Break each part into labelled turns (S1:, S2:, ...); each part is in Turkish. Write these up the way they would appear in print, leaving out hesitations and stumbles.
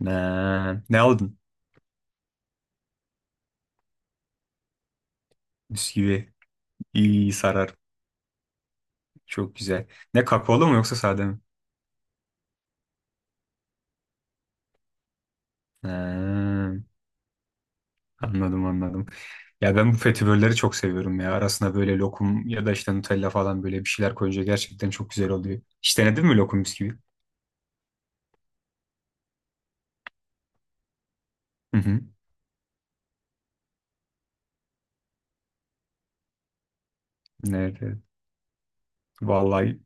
S1: Ne aldın? Bisküvi. İyi, iyi sarar. Çok güzel. Ne kakaolu mu yoksa sade mi? Ne, anladım anladım. Ya ben bu fetibörleri çok seviyorum ya. Arasına böyle lokum ya da işte Nutella falan böyle bir şeyler koyunca gerçekten çok güzel oluyor. Hiç denedin mi lokum bisküvi? Hı hı. Evet, evet. Vallahi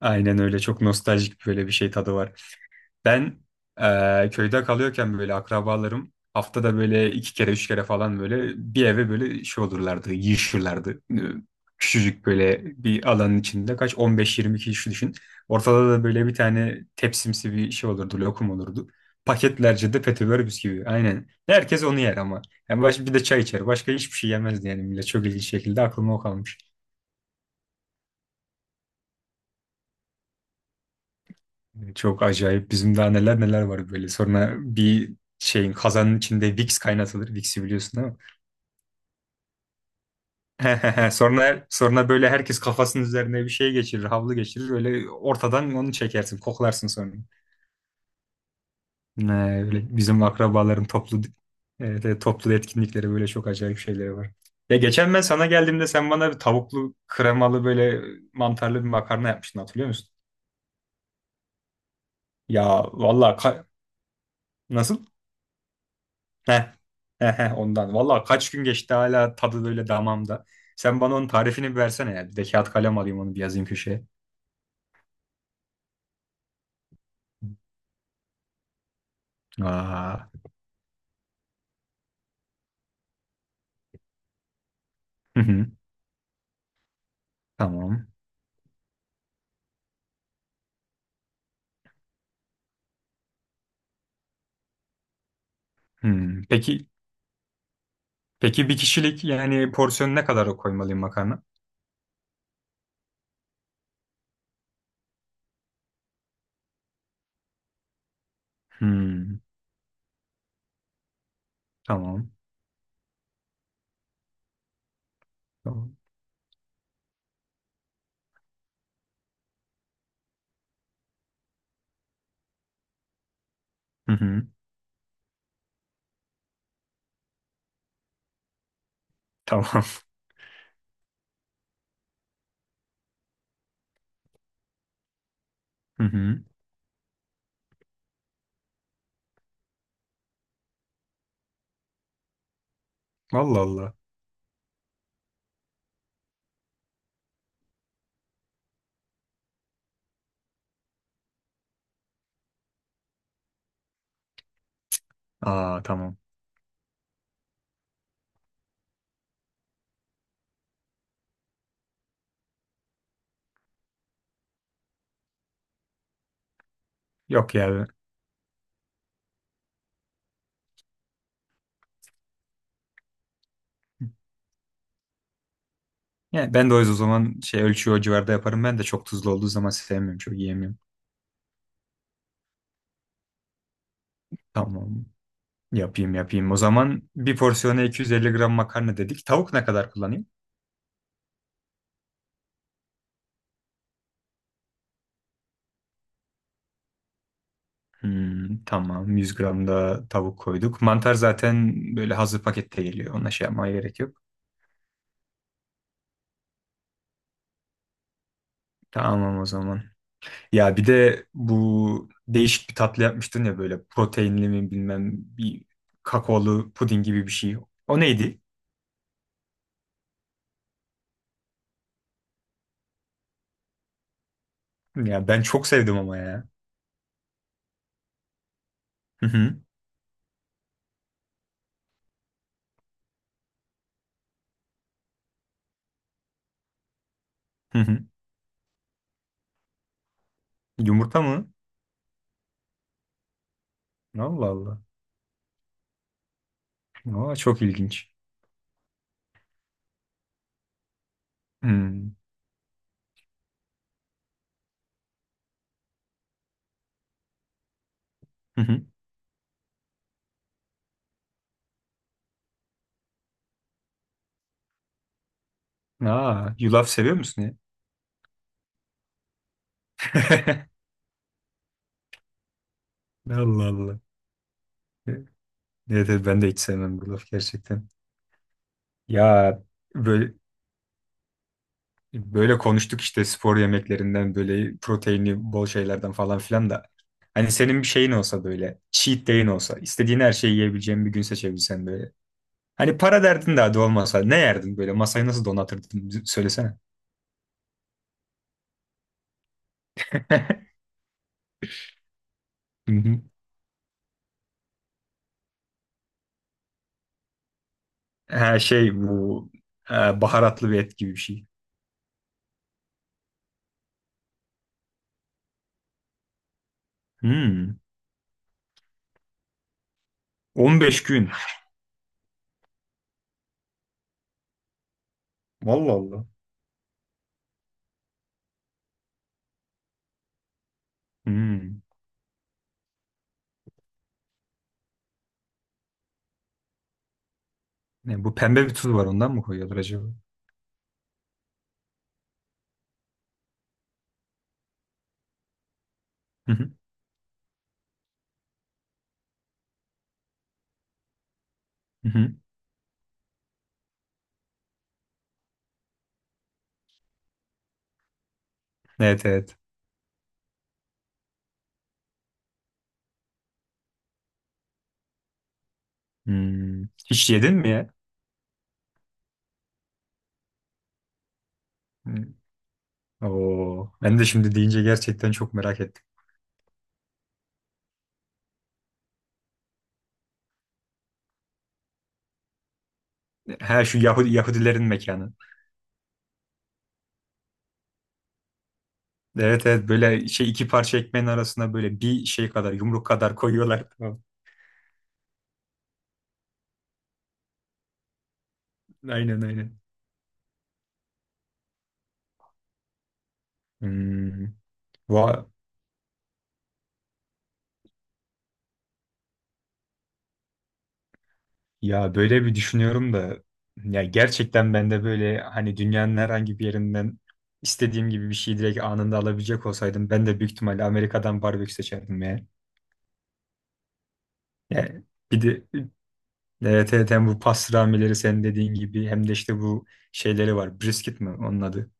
S1: aynen öyle. Çok nostaljik böyle bir şey tadı var. Ben köyde kalıyorken böyle akrabalarım haftada böyle iki kere üç kere falan böyle bir eve böyle şey olurlardı, yığışırlardı. Küçücük böyle bir alanın içinde kaç 15 20 kişi düşün. Ortada da böyle bir tane tepsimsi bir şey olurdu, lokum olurdu. Paketlerce de petibör bisküvi. Aynen. Herkes onu yer ama. Yani baş, bir de çay içer. Başka hiçbir şey yemezdi yani millet. Çok ilginç şekilde aklıma o kalmış. Çok acayip. Bizim daha neler neler var böyle. Sonra bir şeyin kazanın içinde Vicks kaynatılır. Vicks'i biliyorsun değil mi? Sonra böyle herkes kafasının üzerine bir şey geçirir, havlu geçirir. Öyle ortadan onu çekersin, koklarsın sonra. Öyle bizim akrabaların toplu, evet, evet, toplu etkinlikleri böyle çok acayip şeyleri var. Ya geçen ben sana geldiğimde sen bana bir tavuklu, kremalı böyle mantarlı bir makarna yapmıştın, hatırlıyor musun? Ya vallahi, nasıl? Heh, heh, heh, ondan. Vallahi kaç gün geçti, hala tadı böyle damamda. Sen bana onun tarifini bir versene ya. Bir de kağıt kalem alayım, onu bir yazayım köşeye. Aa. Hı hı, tamam. Peki peki, bir kişilik yani porsiyon ne kadar koymalıyım makarna? Hmm, tamam. Tamam. Hı hı, tamam. Hı hı. Allah Allah. Aa, tamam. Yok ya. Yani ben de o yüzden o zaman şey, ölçüyü o civarda yaparım. Ben de çok tuzlu olduğu zaman sevmiyorum. Çok yiyemiyorum. Tamam. Yapayım yapayım. O zaman bir porsiyona 250 gram makarna dedik. Tavuk ne kadar kullanayım? Hmm, tamam. 100 gram da tavuk koyduk. Mantar zaten böyle hazır pakette geliyor. Ona şey yapmaya gerek yok. Tamam o zaman. Ya bir de bu değişik bir tatlı yapmıştın ya, böyle proteinli mi bilmem, bir kakaolu puding gibi bir şey. O neydi? Ya ben çok sevdim ama ya. Hı hı. Hı hı. Yumurta mı? Allah Allah. Aa, çok ilginç. Hmm. Hı hı. Aa, yulaf seviyor musun? Allah Allah. Evet evet, ben de hiç sevmem bu laf gerçekten. Ya böyle böyle konuştuk işte spor yemeklerinden, böyle proteini bol şeylerden falan filan da. Hani senin bir şeyin olsa, böyle cheat day'in olsa, istediğin her şeyi yiyebileceğin bir gün seçebilsen böyle. Hani para derdin daha da olmasa ne yerdin, böyle masayı nasıl donatırdın, söylesene. Hı hı. Ha şey bu e, baharatlı bir et gibi bir şey. Hmm. 15 gün. Vallahi Allah. Hmm. Bu pembe bir tuz var, ondan mı koyuyorlar acaba? Hı hı, hı hı. Evet evet. Hmm. Hiç yedin mi ya? Hı. Oo. Ben de şimdi deyince gerçekten çok merak ettim. Her şu Yahudi, Yahudilerin mekanı. Evet evet, böyle şey, iki parça ekmeğin arasına böyle bir şey kadar, yumruk kadar koyuyorlar. Tamam. Aynen aynen. Hmm. Va- Ya böyle bir düşünüyorum da, ya gerçekten ben de böyle hani dünyanın herhangi bir yerinden istediğim gibi bir şeyi direkt anında alabilecek olsaydım, ben de büyük ihtimalle Amerika'dan barbekü seçerdim ya. Yani bir de, evet, evet, hem bu pastramileri senin dediğin gibi, hem de işte bu şeyleri var. Brisket mi onun adı?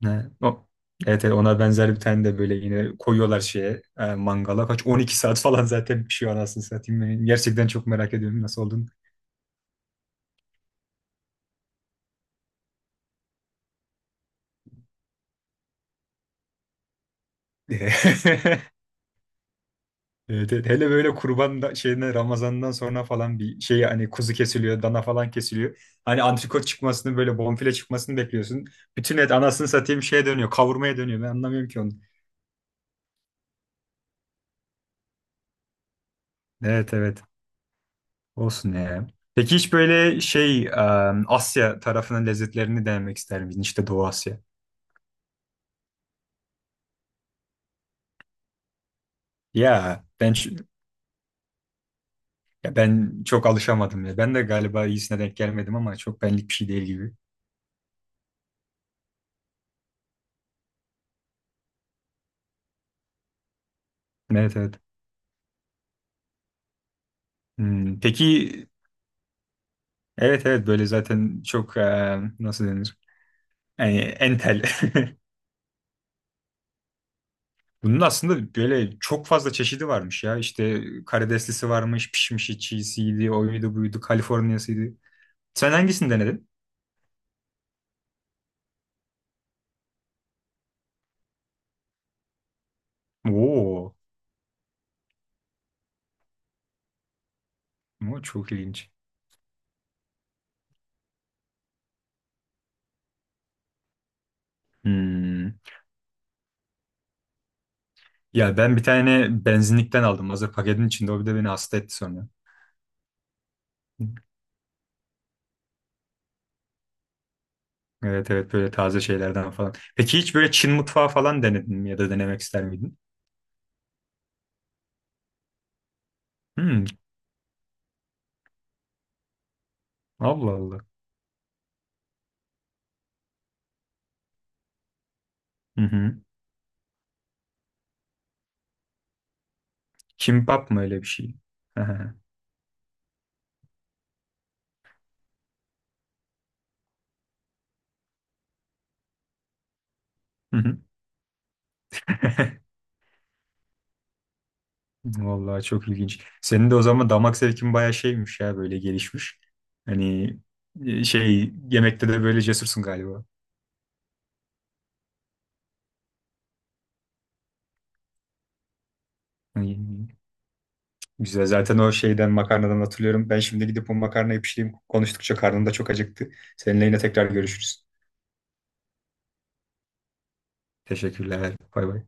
S1: Ne? O. Evet, evet, ona benzer bir tane de böyle yine koyuyorlar şeye, mangala. Kaç, 12 saat falan zaten pişiyor anasını satayım. Ben gerçekten çok merak ediyorum nasıl olduğunu. Evet, evet. Hele böyle kurban da, şeyine Ramazan'dan sonra falan bir şey, hani kuzu kesiliyor, dana falan kesiliyor. Hani antrikot çıkmasını, böyle bonfile çıkmasını bekliyorsun. Bütün et anasını satayım şeye dönüyor, kavurmaya dönüyor. Ben anlamıyorum ki onu. Evet evet. Olsun ya. Peki, hiç böyle şey, Asya tarafının lezzetlerini denemek ister miydin? İşte Doğu Asya. Ya ben ç- ya ben çok alışamadım ya. Ben de galiba iyisine denk gelmedim, ama çok benlik bir şey değil gibi. Evet evet. Peki. Evet evet, böyle zaten çok, nasıl denir? Yani entel. Bunun aslında böyle çok fazla çeşidi varmış ya. İşte karideslisi varmış, pişmişi, çiğsiydi, oydu buydu, Kaliforniyasıydı. Sen hangisini denedin? Oo, o çok ilginç. Hmm. Ya ben bir tane benzinlikten aldım. Hazır paketin içinde. O bir de beni hasta etti sonra. Evet evet, böyle taze şeylerden falan. Peki hiç böyle Çin mutfağı falan denedin mi, ya da denemek ister miydin? Hmm, Allah Allah. Hı hı. Kimbap mı öyle bir şey? Hı hı. Vallahi çok ilginç. Senin de o zaman damak zevkin bayağı şeymiş ya, böyle gelişmiş. Hani şey, yemekte de böyle cesursun galiba. Hani güzel zaten, o şeyden makarnadan hatırlıyorum. Ben şimdi gidip o makarnayı pişireyim. Konuştukça karnım da çok acıktı. Seninle yine tekrar görüşürüz. Teşekkürler. Bay bay.